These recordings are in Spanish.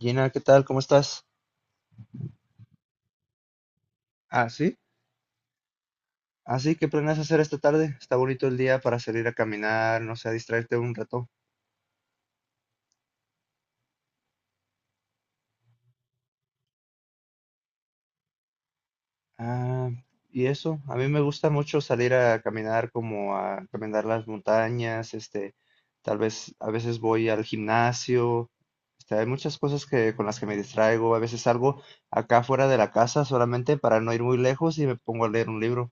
Gina, ¿qué tal? ¿Cómo estás? Ah, sí. Ah, sí, ¿qué planeas hacer esta tarde? Está bonito el día para salir a caminar, no sé, a distraerte un rato. Ah, y eso, a mí me gusta mucho salir a caminar, como a caminar las montañas, tal vez a veces voy al gimnasio, hay muchas cosas que con las que me distraigo, a veces salgo acá fuera de la casa solamente para no ir muy lejos y me pongo a leer un libro.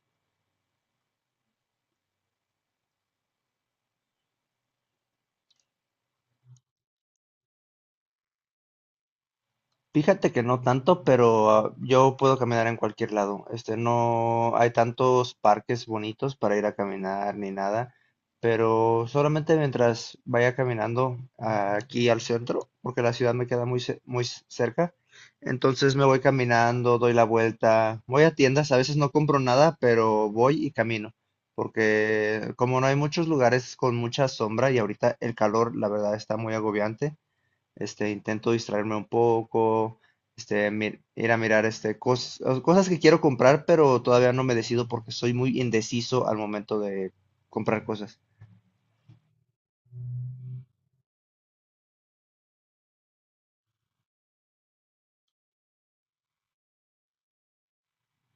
Fíjate que no tanto, pero yo puedo caminar en cualquier lado. Este, no hay tantos parques bonitos para ir a caminar ni nada, pero solamente mientras vaya caminando aquí al centro, porque la ciudad me queda muy, muy cerca. Entonces me voy caminando, doy la vuelta, voy a tiendas, a veces no compro nada, pero voy y camino, porque como no hay muchos lugares con mucha sombra y ahorita el calor, la verdad, está muy agobiante. Intento distraerme un poco, ir a mirar este, cosas que quiero comprar, pero todavía no me decido porque soy muy indeciso al momento de comprar cosas.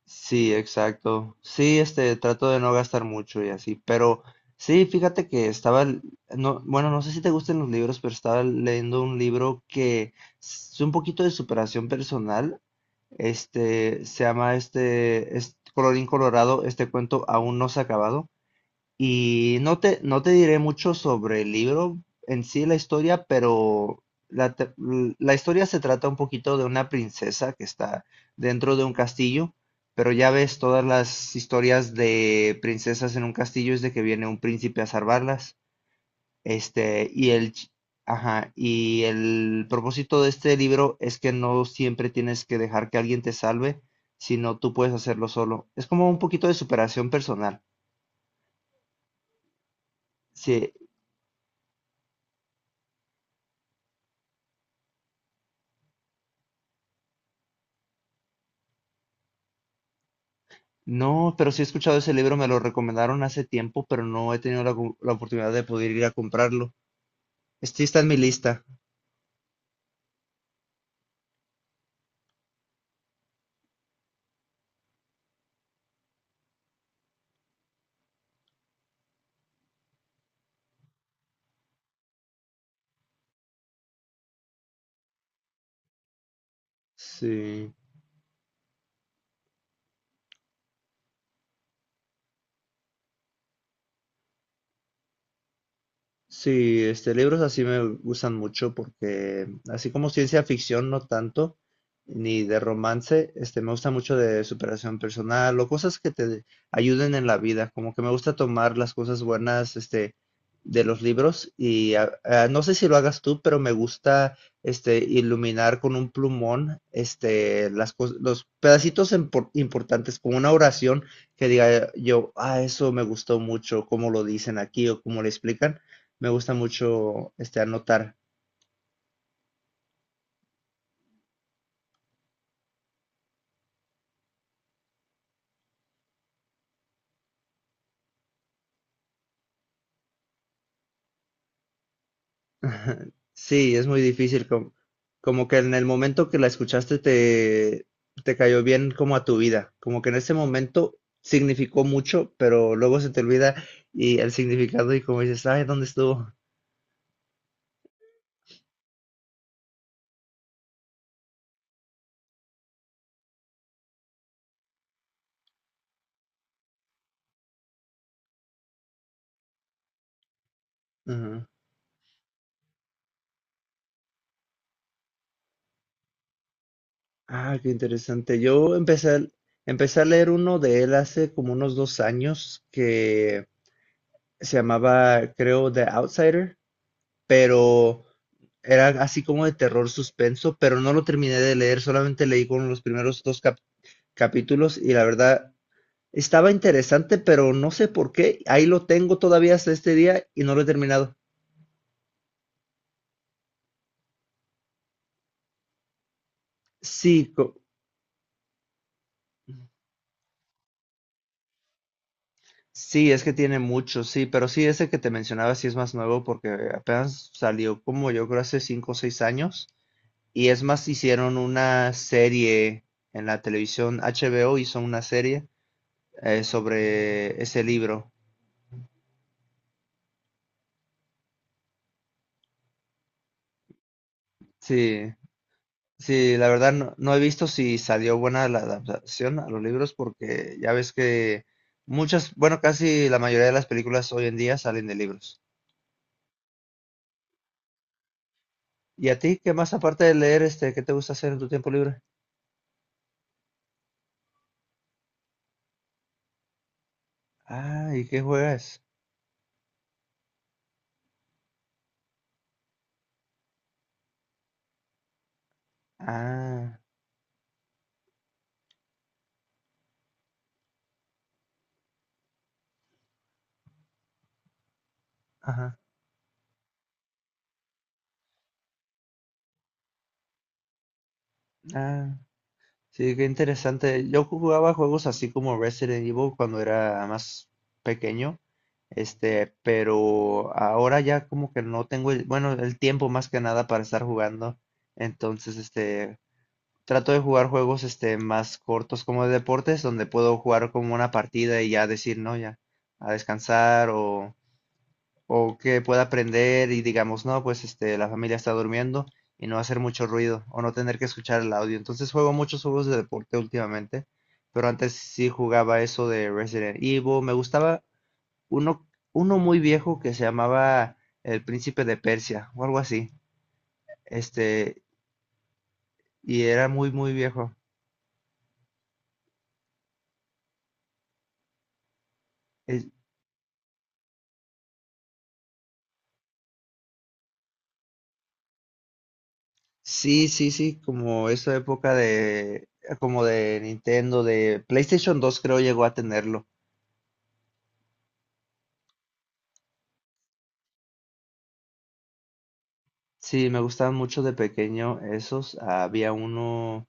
Sí, exacto. Sí, trato de no gastar mucho y así, pero sí, fíjate que no, bueno, no sé si te gustan los libros, pero estaba leyendo un libro que es un poquito de superación personal. Se llama es Colorín Colorado, este cuento aún no se ha acabado. Y no te, no te diré mucho sobre el libro en sí, la historia, pero la historia se trata un poquito de una princesa que está dentro de un castillo, pero ya ves, todas las historias de princesas en un castillo es de que viene un príncipe a salvarlas. Este, y el, ch- ajá, y el propósito de este libro es que no siempre tienes que dejar que alguien te salve, sino tú puedes hacerlo solo. Es como un poquito de superación personal. Sí. No, pero sí he escuchado ese libro, me lo recomendaron hace tiempo, pero no he tenido la oportunidad de poder ir a comprarlo. Este sí está en mi lista. Sí. Sí, libros así me gustan mucho porque, así como ciencia ficción, no tanto, ni de romance, me gusta mucho de superación personal o cosas que te ayuden en la vida. Como que me gusta tomar las cosas buenas, de los libros y no sé si lo hagas tú, pero me gusta, iluminar con un plumón, las los pedacitos importantes, como una oración que diga yo, ah, eso me gustó mucho, cómo lo dicen aquí o cómo lo explican. Me gusta mucho anotar. Sí, es muy difícil, como, como que en el momento que la escuchaste te cayó bien como a tu vida, como que en ese momento significó mucho, pero luego se te olvida y el significado y como dices, ay, ¿dónde estuvo? Ajá. Ah, qué interesante. Empecé a leer uno de él hace como unos dos años que se llamaba, creo, The Outsider, pero era así como de terror suspenso, pero no lo terminé de leer, solamente leí con los primeros dos capítulos y la verdad estaba interesante, pero no sé por qué, ahí lo tengo todavía hasta este día y no lo he terminado. Sí, co- sí, es que tiene mucho, sí, pero sí, ese que te mencionaba sí es más nuevo porque apenas salió como yo creo hace cinco o seis años y es más, hicieron una serie en la televisión, HBO hizo una serie sobre ese libro. Sí, sí, la verdad no, no he visto si salió buena la adaptación a los libros porque ya ves que muchas, bueno, casi la mayoría de las películas hoy en día salen de libros. ¿Y a ti qué más aparte de leer, este, qué te gusta hacer en tu tiempo libre? Ah, ¿y qué juegas? Ah, ajá, ah. Sí, qué interesante. Yo jugaba juegos así como Resident Evil cuando era más pequeño, pero ahora ya como que no tengo el, bueno, el tiempo más que nada para estar jugando. Entonces, trato de jugar juegos, más cortos como de deportes, donde puedo jugar como una partida y ya decir, no, ya, a descansar o que pueda aprender y digamos, no, pues la familia está durmiendo y no hacer mucho ruido o no tener que escuchar el audio. Entonces juego muchos juegos de deporte últimamente, pero antes sí jugaba eso de Resident Evil. Me gustaba uno, uno muy viejo que se llamaba El Príncipe de Persia o algo así. Este, y era muy, muy viejo. Es- sí, sí, sí, como esa época de, como de Nintendo, de PlayStation 2 creo llegó a tenerlo. Sí, me gustaban mucho de pequeño esos. Había uno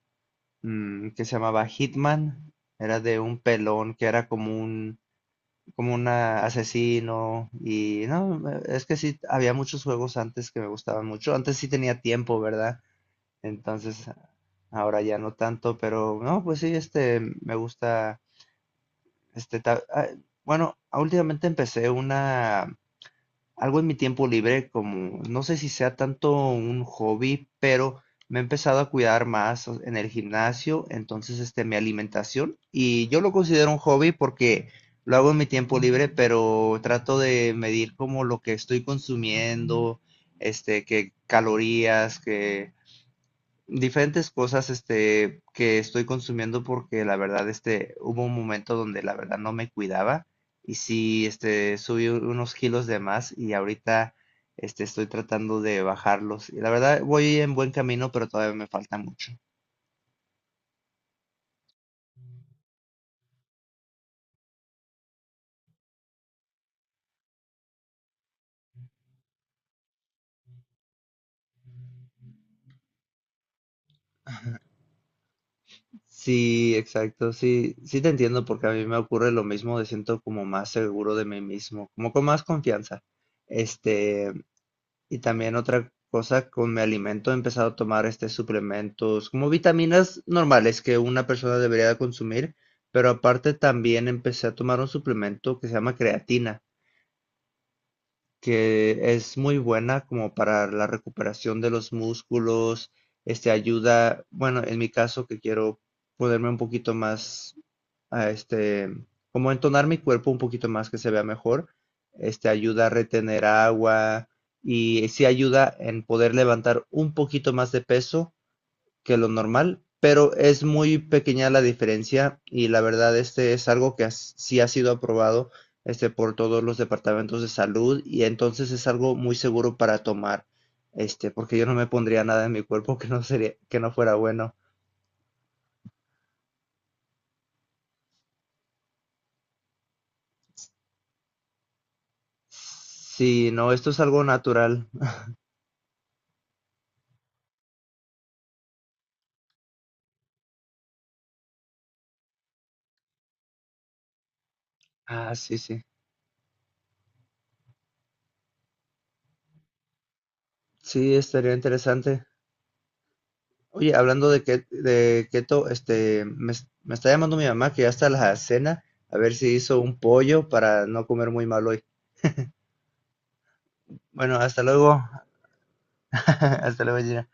que se llamaba Hitman. Era de un pelón que era como un asesino. Y no, es que sí, había muchos juegos antes que me gustaban mucho. Antes sí tenía tiempo, ¿verdad? Entonces, ahora ya no tanto, pero no, pues sí, me gusta, este, ta- ah, bueno, últimamente empecé una algo en mi tiempo libre, como no sé si sea tanto un hobby, pero me he empezado a cuidar en el gimnasio, entonces mi alimentación, y yo lo considero un hobby porque lo hago en mi tiempo libre, pero trato de medir como lo que estoy consumiendo, que calorías, que diferentes cosas, que estoy consumiendo porque la verdad, hubo un momento donde la verdad no me cuidaba y sí, subí unos kilos de más y ahorita, estoy tratando de bajarlos. Y la verdad, voy en buen camino, pero todavía me falta mucho. Sí, exacto, sí, sí te entiendo porque a mí me ocurre lo mismo, me siento como más seguro de mí mismo, como con más confianza. Este, Y también otra cosa con mi alimento, he empezado a tomar este suplementos como vitaminas normales que una persona debería de consumir, pero aparte también empecé a tomar un suplemento que se llama creatina, que es muy buena como para la recuperación de los músculos, este ayuda, bueno, en mi caso que quiero ponerme un poquito más a este, como entonar mi cuerpo un poquito más que se vea mejor. Este ayuda a retener agua y sí ayuda en poder levantar un poquito más de peso que lo normal, pero es muy pequeña la diferencia y la verdad este es algo que sí ha sido aprobado este por todos los departamentos de salud y entonces es algo muy seguro para tomar este porque yo no me pondría nada en mi cuerpo que no sería que no fuera bueno. Sí, no, esto es algo natural. Ah, sí, sí. Sí, estaría interesante. Oye, hablando de, que, de keto, me está llamando mi mamá que ya está la cena, a ver si hizo un pollo para no comer muy mal hoy. Bueno, hasta luego. Hasta luego, Gina.